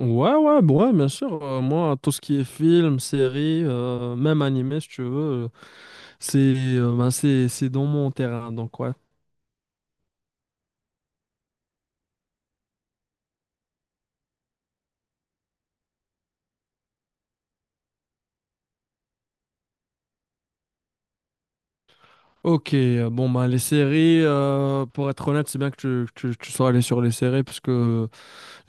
Ouais, ouais, bon, ouais, bien sûr. Moi, tout ce qui est film, série, même animé, si tu veux, c'est ben, c'est dans mon terrain, donc ouais. Ok, bon, ben, les séries, pour être honnête, c'est bien que tu sois allé sur les séries, parce que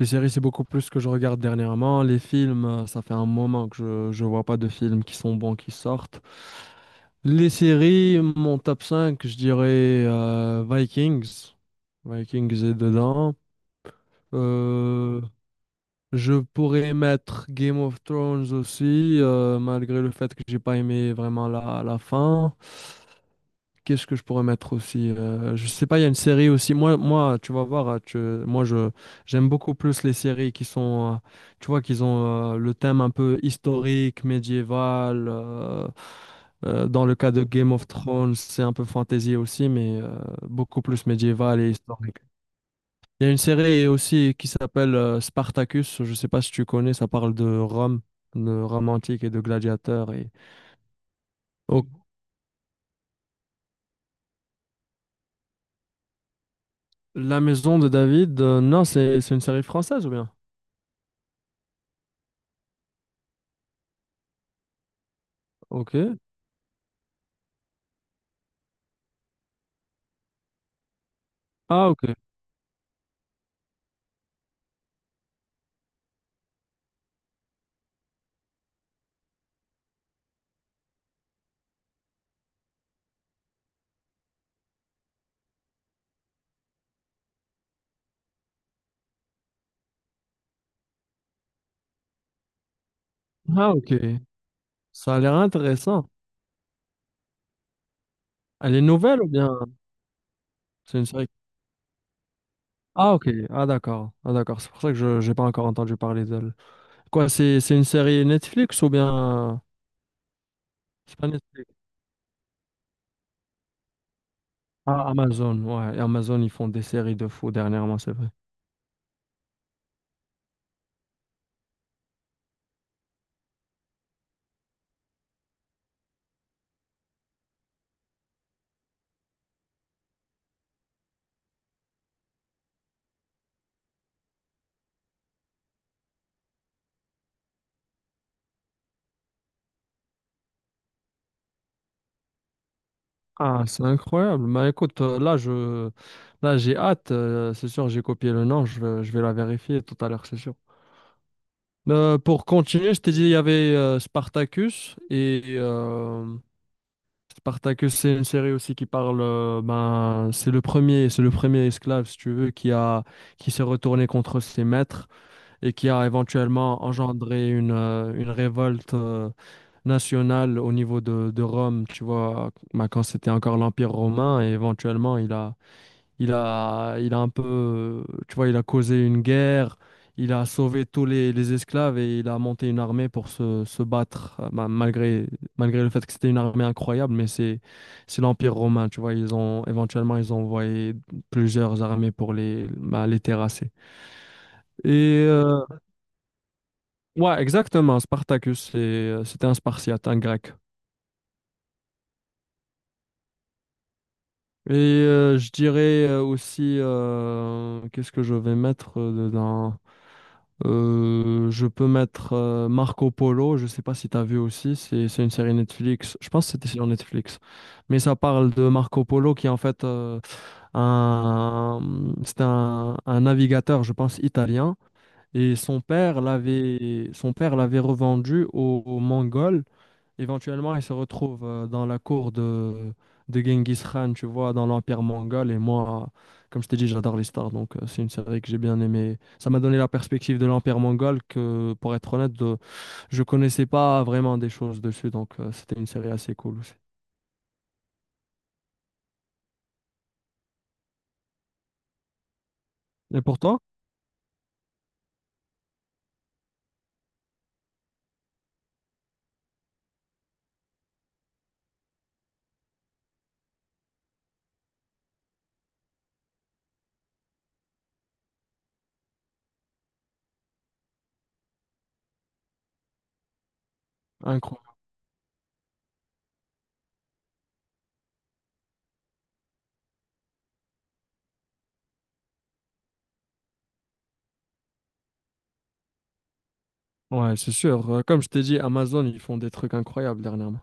les séries, c'est beaucoup plus ce que je regarde dernièrement. Les films, ça fait un moment que je vois pas de films qui sont bons, qui sortent. Les séries, mon top 5, je dirais Vikings. Vikings est dedans. Euh, Je pourrais mettre Game of Thrones aussi, malgré le fait que j'ai pas aimé vraiment la fin. Qu'est-ce que je pourrais mettre aussi? Je sais pas, il y a une série aussi. Moi, tu vas voir, hein, tu- moi je j'aime beaucoup plus les séries qui sont, tu vois, qu'ils ont le thème un peu historique, médiéval. Dans le cas de Game of Thrones, c'est un peu fantasy aussi, mais beaucoup plus médiéval et historique. Il y a une série aussi qui s'appelle Spartacus. Je ne sais pas si tu connais, ça parle de Rome antique et de gladiateurs. Et... Oh, La Maison de David, non, c'est une série française ou bien? Ok. Ah, ok. Ah, ok. Ça a l'air intéressant. Elle est nouvelle ou bien c'est une série? Ah, ok. Ah, d'accord. Ah, d'accord. C'est pour ça que je n'ai pas encore entendu parler d'elle. Quoi, c'est une série Netflix ou bien... C'est pas Netflix. Ah, Amazon. Ouais, et Amazon, ils font des séries de fous dernièrement, c'est vrai. Ah, c'est incroyable. Mais écoute, là, j'ai hâte. C'est sûr, j'ai copié le nom. Je vais la vérifier tout à l'heure, c'est sûr. Pour continuer, je t'ai dit, il y avait Spartacus. Et Spartacus, c'est une série aussi qui parle. Ben, c'est le premier esclave, si tu veux, qui s'est retourné contre ses maîtres et qui a éventuellement engendré une révolte nationale au niveau de Rome, tu vois, ben, quand c'était encore l'Empire romain. Et éventuellement, il a un peu, tu vois, il a causé une guerre, il a sauvé tous les esclaves et il a monté une armée pour se battre, malgré le fait que c'était une armée incroyable, mais c'est l'Empire romain, tu vois, ils ont, éventuellement, ils ont envoyé plusieurs armées pour les, bah, les terrasser. Et, euh, ouais, exactement, Spartacus, c'était un Spartiate, un grec. Et je dirais aussi, qu'est-ce que je vais mettre dedans? Je peux mettre Marco Polo, je sais pas si tu as vu aussi, c'est une série Netflix, je pense que c'était sur Netflix, mais ça parle de Marco Polo qui est en fait un, c'est un navigateur, je pense, italien, et son père l'avait revendu aux, aux Mongols. Éventuellement, il se retrouve dans la cour de Genghis Khan, tu vois, dans l'Empire mongol. Et moi, comme je t'ai dit, j'adore les stars. Donc, c'est une série que j'ai bien aimée. Ça m'a donné la perspective de l'Empire mongol que, pour être honnête, je connaissais pas vraiment des choses dessus. Donc, c'était une série assez cool aussi. Et pour toi? Incroyable. Ouais, c'est sûr. Comme je t'ai dit, Amazon, ils font des trucs incroyables dernièrement.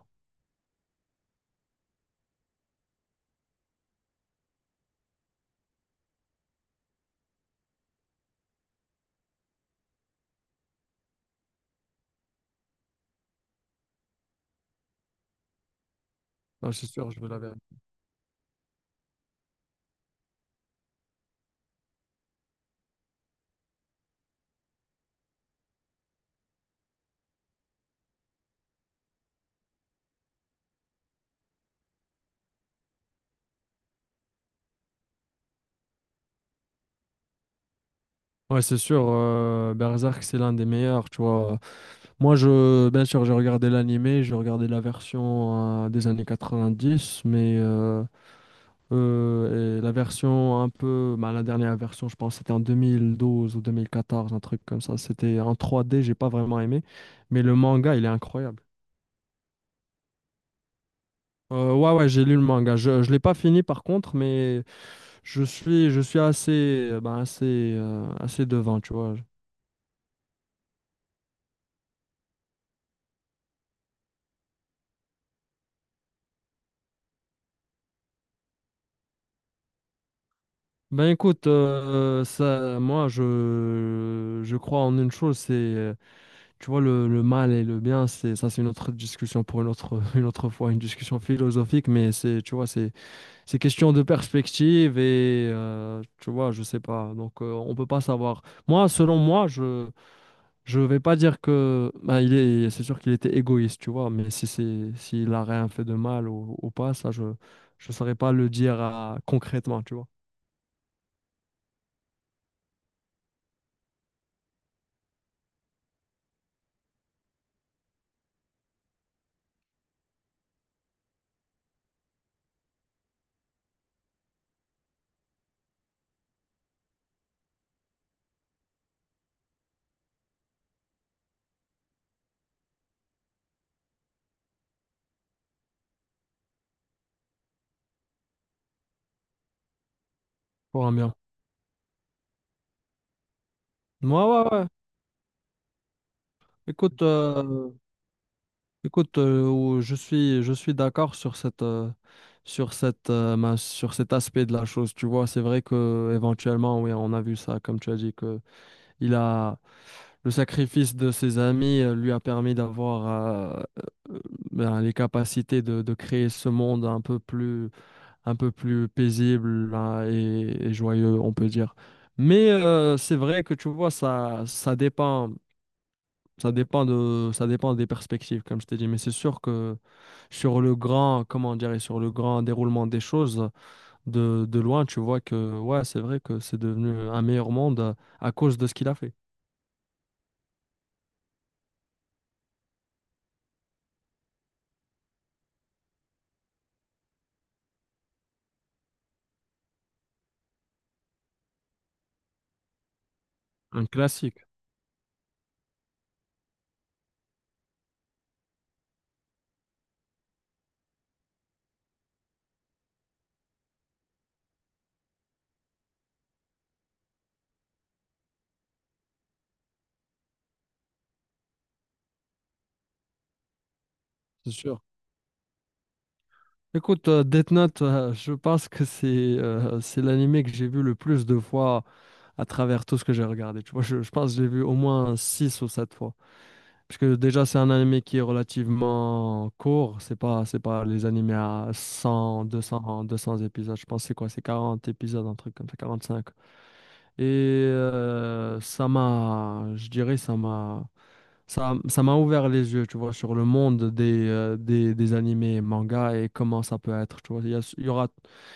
Non, c'est sûr, je veux la vérité. Ouais, c'est sûr. Berserk, c'est l'un des meilleurs, tu vois. Moi, bien sûr, j'ai regardé l'animé, j'ai regardé la version des années 90, mais et la version un peu, bah, la dernière version, je pense, c'était en 2012 ou 2014, un truc comme ça. C'était en trois d, j'ai pas vraiment aimé, mais le manga, il est incroyable. Ouais, j'ai lu le manga. Je l'ai pas fini par contre, mais je suis assez, ben, assez, assez devant, tu vois. Ben écoute, je crois en une chose, c'est: tu vois, le mal et le bien, c'est ça, c'est une autre discussion pour une autre, une autre fois, une discussion philosophique, mais c'est question de perspective et tu vois, je sais pas. Donc, on peut pas savoir. Moi, selon moi, je vais pas dire que bah, c'est sûr qu'il était égoïste, tu vois, mais si c'est s'il a rien fait de mal ou pas, ça, je saurais pas le dire concrètement, tu vois, pour un bien. Moi, ouais, ouais, ouais. Écoute, euh, je suis, je suis d'accord sur cette, sur cet aspect de la chose. Tu vois, c'est vrai que éventuellement, oui, on a vu ça, comme tu as dit, que il a le sacrifice de ses amis lui a permis d'avoir euh, euh, ben, les capacités de créer ce monde un peu plus paisible hein, et joyeux, on peut dire. Mais c'est vrai que tu vois, ça dépend. Ça dépend des perspectives, comme je t'ai dit, mais c'est sûr que sur le grand, comment dire, et sur le grand déroulement des choses, de loin, tu vois que, ouais, c'est vrai que c'est devenu un meilleur monde à cause de ce qu'il a fait. Un classique, c'est sûr. Écoute, Death Note, je pense que c'est l'anime que j'ai vu le plus de fois à travers tout ce que j'ai regardé. Tu vois, je pense que j'ai vu au moins 6 ou 7 fois. Parce que déjà, c'est un animé qui est relativement court. C'est pas les animés à cent deux cents 200 épisodes. Je pense que c'est quoi? C'est 40 épisodes, un truc comme ça, 45. Et je dirais, ça m'a ouvert les yeux, tu vois, sur le monde des, des animés et mangas et comment ça peut être, tu vois. Il y a- il y aura,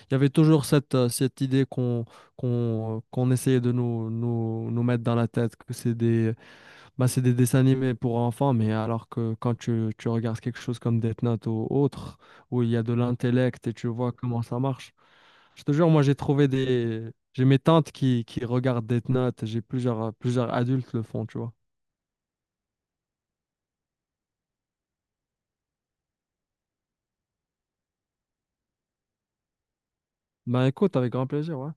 Il y avait toujours cette, cette idée qu'on essayait de nous mettre dans la tête que c'est des bah, c'est des dessins animés pour enfants, mais alors que quand tu regardes quelque chose comme Death Note ou autre, où il y a de l'intellect et tu vois comment ça marche, je te jure, moi j'ai trouvé des... J'ai mes tantes qui regardent Death Note, j'ai plusieurs adultes le font, tu vois. Bah écoute, avec grand plaisir, ouais.